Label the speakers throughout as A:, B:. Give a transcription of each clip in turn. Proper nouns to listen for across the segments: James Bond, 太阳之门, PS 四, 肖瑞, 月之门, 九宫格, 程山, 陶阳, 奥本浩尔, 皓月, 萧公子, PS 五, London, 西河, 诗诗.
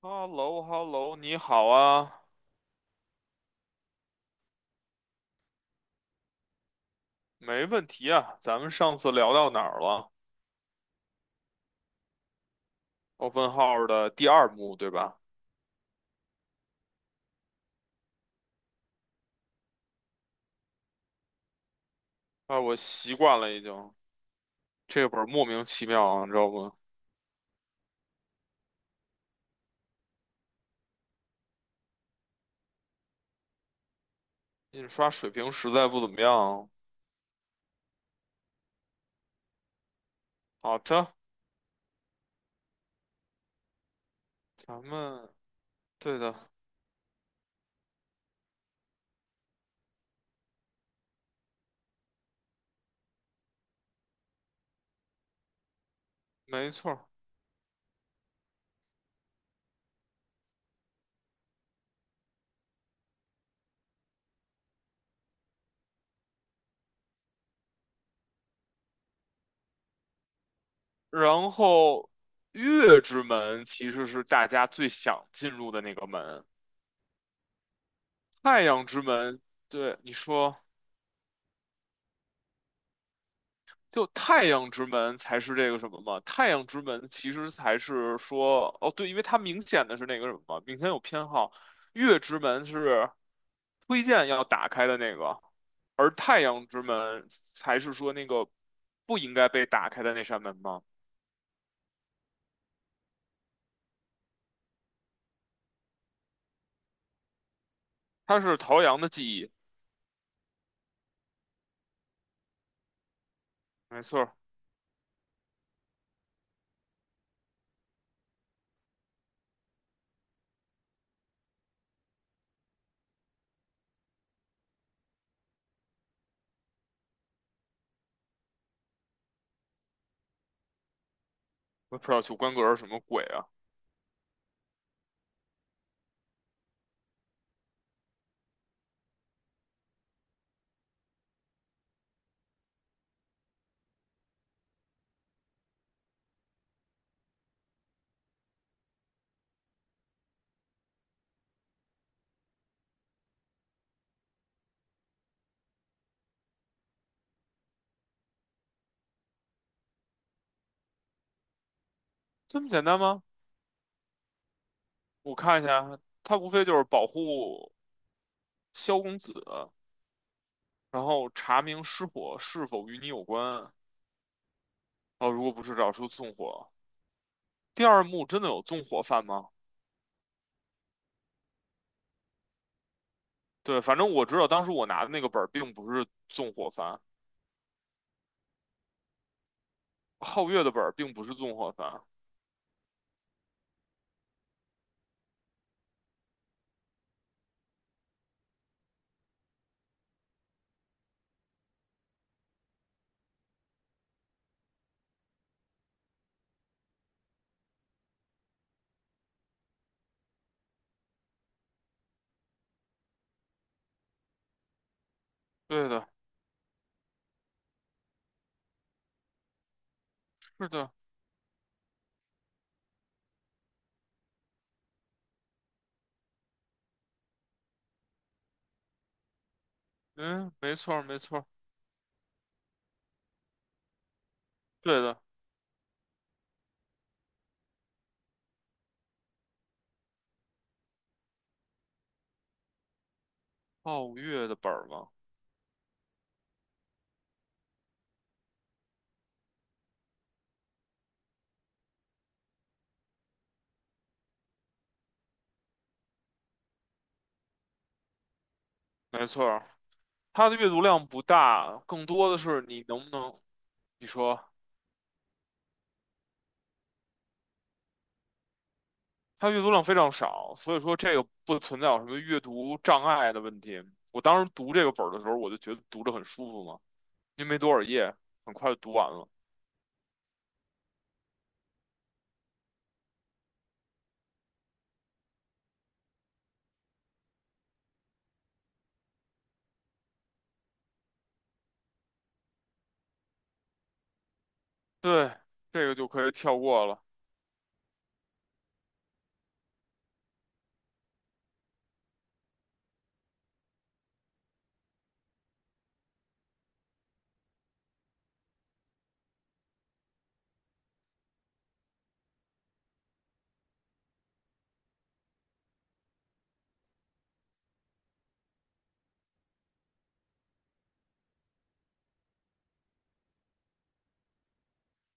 A: h e l l o h e l l o 你好啊，没问题啊。咱们上次聊到哪儿了？奥本浩尔的第二幕，对吧？啊，我习惯了已经。这本儿莫名其妙啊，你知道不？印刷水平实在不怎么样。好的，咱们对的，没错儿。然后，月之门其实是大家最想进入的那个门，太阳之门。对，你说。就太阳之门才是这个什么嘛？太阳之门其实才是说，哦，对，因为它明显的是那个什么嘛，明显有偏好。月之门是推荐要打开的那个，而太阳之门才是说那个不应该被打开的那扇门嘛。它是陶阳的记忆，没错儿。我也不知道九宫格是什么鬼啊？这么简单吗？我看一下，它无非就是保护萧公子，然后查明失火是否与你有关。哦，如果不是找出纵火，第二幕真的有纵火犯吗？对，反正我知道当时我拿的那个本儿并不是纵火犯，皓月的本儿并不是纵火犯。对的，是的，嗯，没错儿，没错儿，对的，皓月的本儿吗？没错儿，它的阅读量不大，更多的是你能不能，你说它阅读量非常少，所以说这个不存在有什么阅读障碍的问题。我当时读这个本儿的时候，我就觉得读着很舒服嘛，因为没多少页，很快就读完了。对，这个就可以跳过了。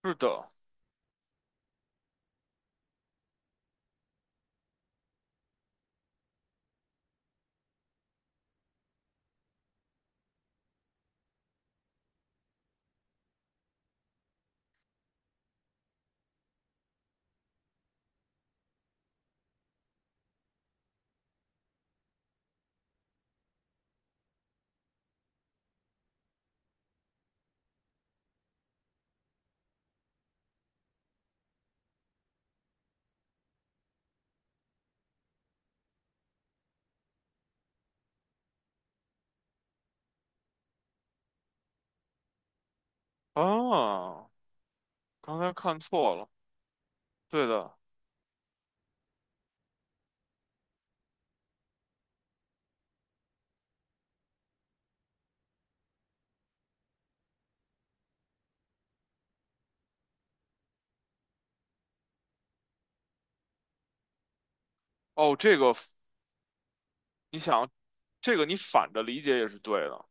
A: 是的，啊，刚才看错了。对的，哦，这个你想，这个你反着理解也是对的。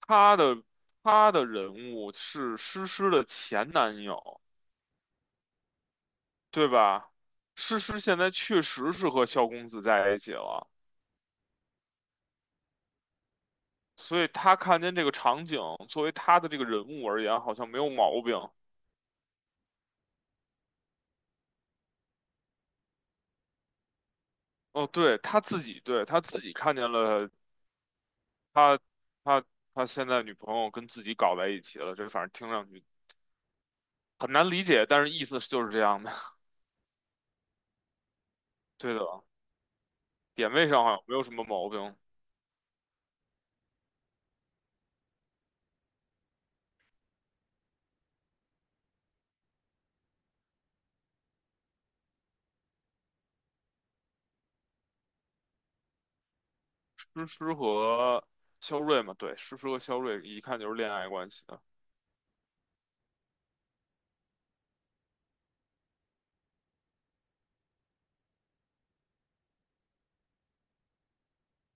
A: 他的他的人物是诗诗的前男友，对吧？诗诗现在确实是和萧公子在一起了，所以他看见这个场景，作为他的这个人物而言，好像没有毛病。哦，对，他自己，对，他自己看见了他他他现在女朋友跟自己搞在一起了，这反正听上去很难理解，但是意思就是这样的。对的，点位上好像没有什么毛病。诗诗和肖瑞嘛，对，诗诗和肖瑞一看就是恋爱关系的。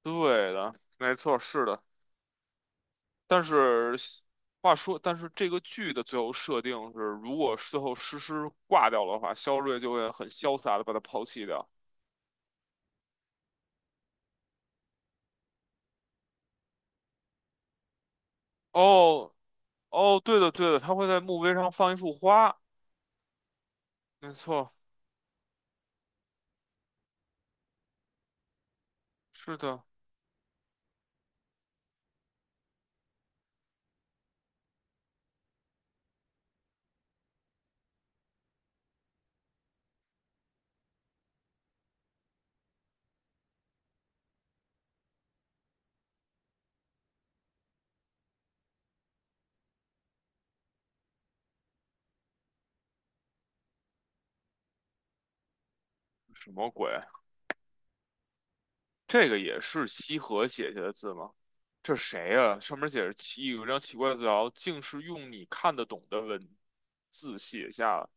A: 对的，没错，是的。但是话说，但是这个剧的最后设定是，如果最后诗诗挂掉的话，肖瑞就会很潇洒的把她抛弃掉。哦哦，对的对的，他会在墓碑上放一束花，没错，是的。什么鬼？这个也是西河写下的字吗？这谁呀、上面写着奇有一张奇怪的字条，竟是用你看得懂的文字写下。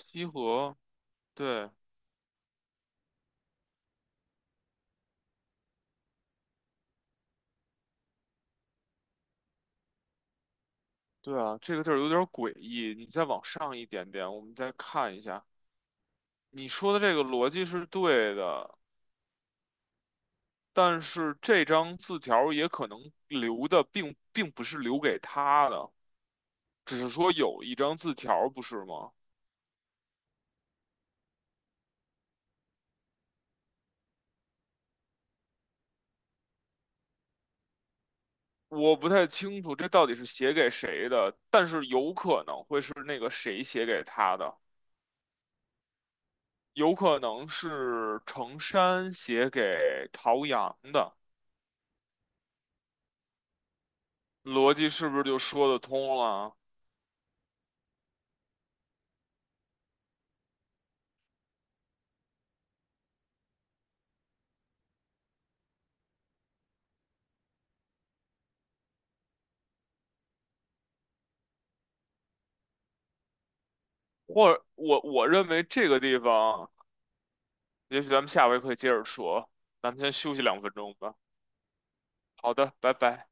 A: 西河，对对啊，这个地儿有点诡异。你再往上一点点，我们再看一下。你说的这个逻辑是对的，但是这张字条也可能留的并不是留给他的，只是说有一张字条，不是吗？我不太清楚这到底是写给谁的，但是有可能会是那个谁写给他的，有可能是程山写给陶阳的，逻辑是不是就说得通了？或者我认为这个地方，也许咱们下回可以接着说，咱们先休息2分钟吧。好的，拜拜。